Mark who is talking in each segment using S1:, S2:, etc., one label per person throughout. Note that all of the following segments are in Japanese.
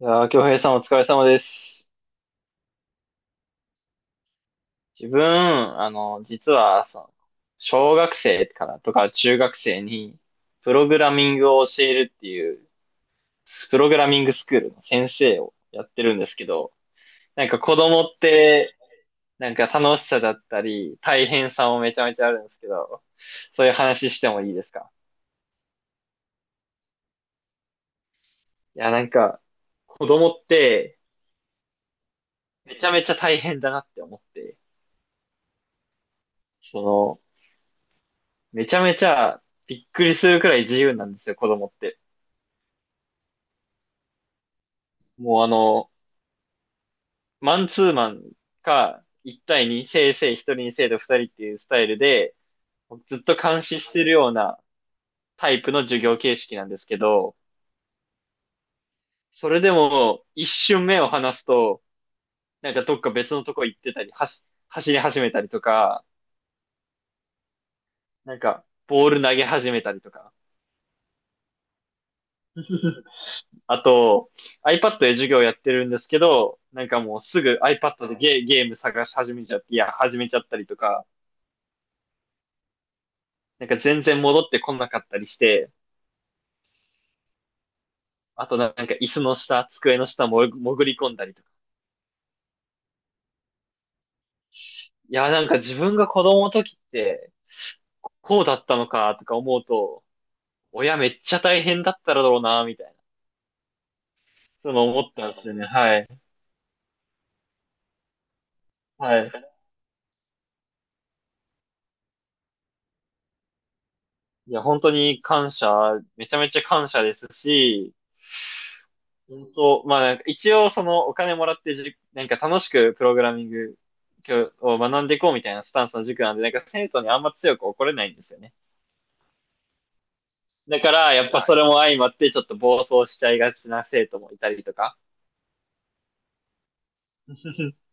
S1: いやー、京平さんお疲れ様です。自分、実は、小学生からとか中学生に、プログラミングを教えるっていう、プログラミングスクールの先生をやってるんですけど、なんか子供って、なんか楽しさだったり、大変さもめちゃめちゃあるんですけど、そういう話してもいいですか？いや、なんか、子供って、めちゃめちゃ大変だなって思って、その、めちゃめちゃびっくりするくらい自由なんですよ、子供って。もうマンツーマンか、一対にせいせい1人に生徒二人っていうスタイルで、ずっと監視してるようなタイプの授業形式なんですけど、それでも一瞬目を離すと、なんかどっか別のとこ行ってたり、走り始めたりとか、なんかボール投げ始めたりとか。あと、iPad で授業やってるんですけど、なんかもうすぐ iPad でゲーム探し始めちゃって、いや、始めちゃったりとか、なんか全然戻ってこなかったりして、あとなんか椅子の下、机の下も潜り込んだりとか。いや、なんか自分が子供の時って、こうだったのかとか思うと、親めっちゃ大変だっただろうな、みたいな。そういうの思ったんですよね。はい。はい。いや、本当に感謝、めちゃめちゃ感謝ですし、本当、まあなんか一応そのお金もらってなんか楽しくプログラミングを学んでいこうみたいなスタンスの塾なんで、なんか生徒にあんま強く怒れないんですよね。だから、やっぱそれも相まって、ちょっと暴走しちゃいがちな生徒もいたりとか。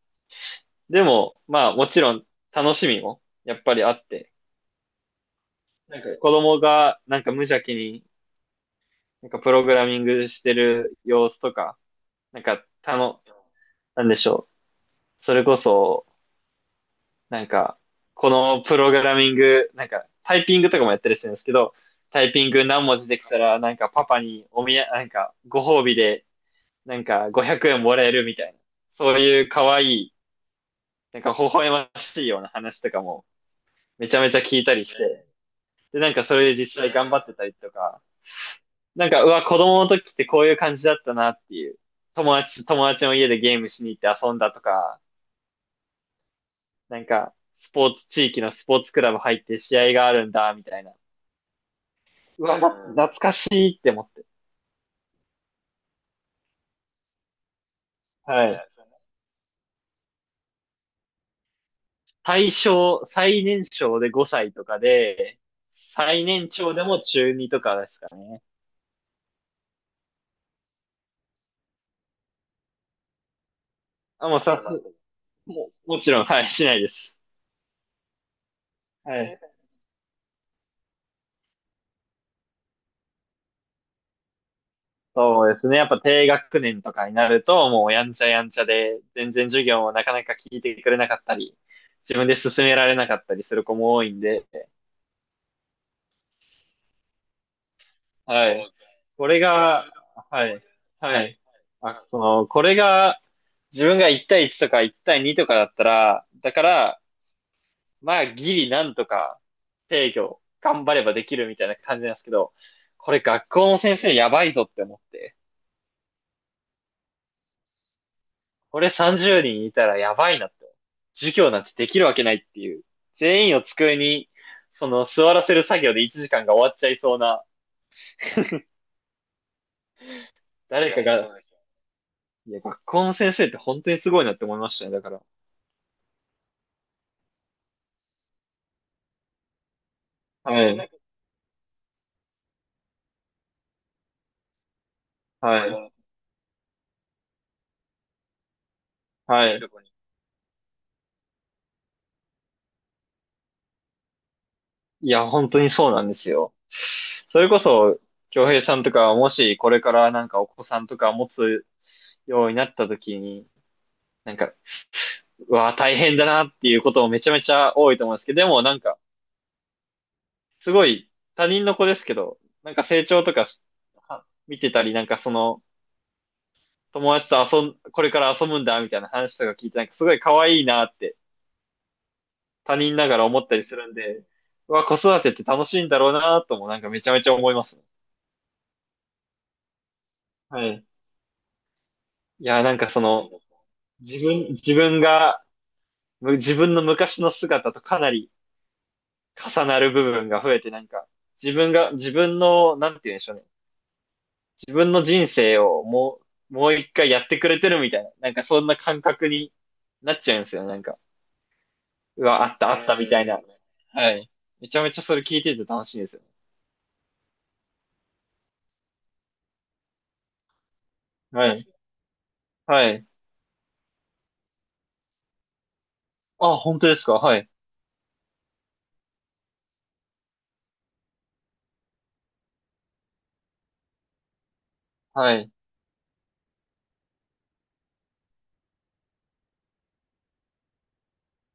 S1: でも、まあ、もちろん、楽しみも、やっぱりあって、なんか子供が、なんか無邪気に、なんかプログラミングしてる様子とか、なんか、なんでしょう。それこそ、なんか、このプログラミング、なんか、タイピングとかもやったりするんですけど、タイピング何文字できたら、なんかパパにおみや、なんかご褒美で、なんか500円もらえるみたいな、そういう可愛いなんか微笑ましいような話とかもめちゃめちゃ聞いたりして、で、なんかそれで実際頑張ってたりとか、なんか、うわ、子供の時ってこういう感じだったなっていう、友達の家でゲームしに行って遊んだとか、なんか、スポーツ、地域のスポーツクラブ入って試合があるんだ、みたいな。うわ、懐かしいって思って。はい。最年少で5歳とかで、最年長でも中二とかですかね。あ、もうもちろん、はい、しないです。はい。そうですね。やっぱ低学年とかになると、もうやんちゃやんちゃで、全然授業をなかなか聞いてくれなかったり、自分で進められなかったりする子も多いんで、はい。これが、はい、はい。あ、これが、自分が1対1とか1対2とかだったら、だから、まあ、ギリなんとか制御、頑張ればできるみたいな感じなんですけど、これ学校の先生やばいぞって思って。これ30人いたらやばいなって。授業なんてできるわけないっていう。全員を机に、座らせる作業で1時間が終わっちゃいそうな、誰かが、いや、学校の先生って本当にすごいなって思いましたね、だから。はい。はい。はい。いや、本当にそうなんですよ。それこそ、京平さんとか、もしこれからなんかお子さんとか持つようになった時に、なんか、うわ、大変だなっていうこともめちゃめちゃ多いと思うんですけど、でもなんか、すごい他人の子ですけど、なんか成長とかしは見てたり、なんかその友達とこれから遊ぶんだみたいな話とか聞いて、なんかすごい可愛いなって他人ながら思ったりするんで、うわ、子育てって楽しいんだろうなともなんかめちゃめちゃ思いますね。はい。いや、なんかその、自分、自分が、自分の昔の姿とかなり重なる部分が増えて、なんか、自分の、なんて言うんでしょうね。自分の人生をもう一回やってくれてるみたいな、なんかそんな感覚になっちゃうんですよ、なんか。うわ、あった、あったみたいな。はい。めちゃめちゃそれ聞いてて楽しいですよ。はい。はい。あ、本当ですか？はい。はい。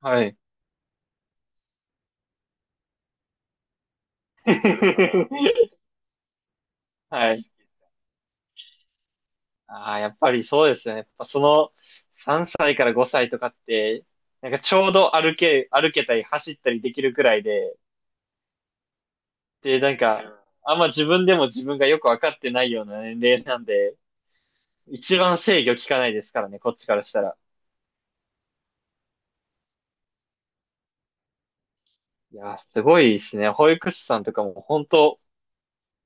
S1: はい。はい。ああ、やっぱりそうですよね。やっぱその3歳から5歳とかって、なんかちょうど歩けたり走ったりできるくらいで、で、なんか、あんま自分でも自分がよくわかってないような年齢なんで、一番制御効かないですからね、こっちからしたら。いやー、すごいですね。保育士さんとかも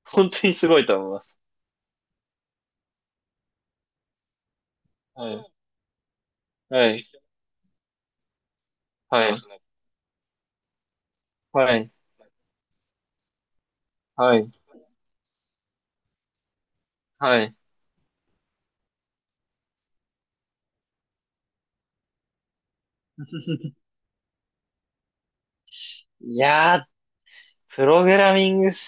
S1: 本当にすごいと思います。はい。はい。はい。はい。はい。はい。いやー、プログラミングす、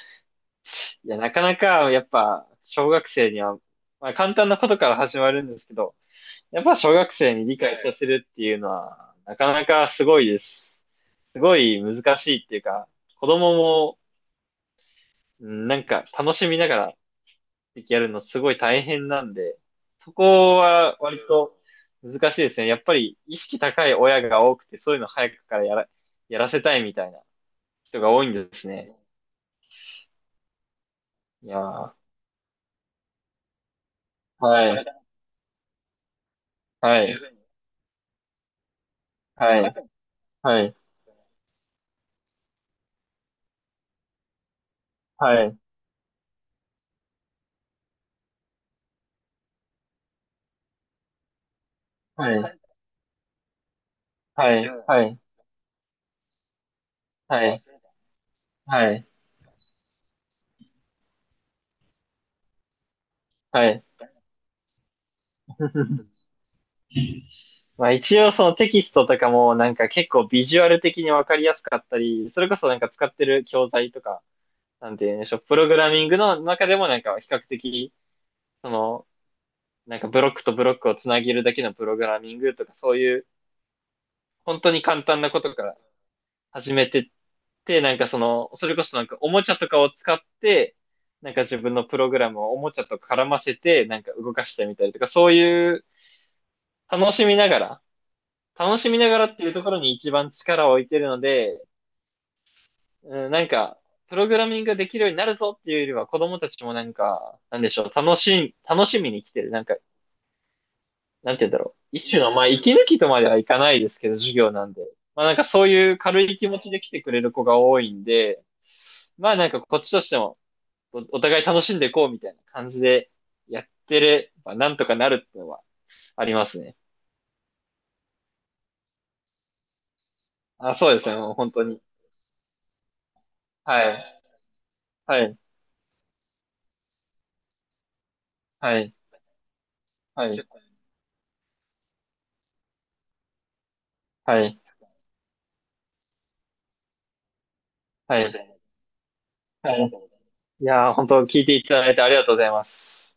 S1: いや、なかなか、やっぱ、小学生には、まあ、簡単なことから始まるんですけど、やっぱ小学生に理解させるっていうのは、なかなかすごいです。すごい難しいっていうか、子供も、うんなんか楽しみながらやるのすごい大変なんで、そこは割と難しいですね。やっぱり意識高い親が多くて、そういうの早くからやらせたいみたいな人が多いんですね。いやー、はい、はい、はい、はい、はい、はい、はい、はい、はい、はい、はい。まあ一応そのテキストとかもなんか結構ビジュアル的にわかりやすかったり、それこそなんか使ってる教材とか、なんていうんでしょう、プログラミングの中でもなんか比較的、そのなんかブロックとブロックをつなげるだけのプログラミングとか、そういう本当に簡単なことから始めてって、なんかそれこそなんかおもちゃとかを使って、なんか自分のプログラムをおもちゃと絡ませて、なんか動かしてみたりとか、そういう楽しみながら、楽しみながらっていうところに一番力を置いてるので、うん、なんか、プログラミングができるようになるぞっていうよりは、子供たちもなんか、なんでしょう、楽しみに来てる。なんか、なんて言うんだろう。一種の、まあ、息抜きとまではいかないですけど、授業なんで。まあ、なんかそういう軽い気持ちで来てくれる子が多いんで、まあ、なんかこっちとしても、お互い楽しんでいこうみたいな感じでやってれば、なんとかなるってのはありますね。あ、そうですね、もう本当に。はい。はい。はい。はい。はい。はい。はい。いやー、本当聞いていただいてありがとうございます。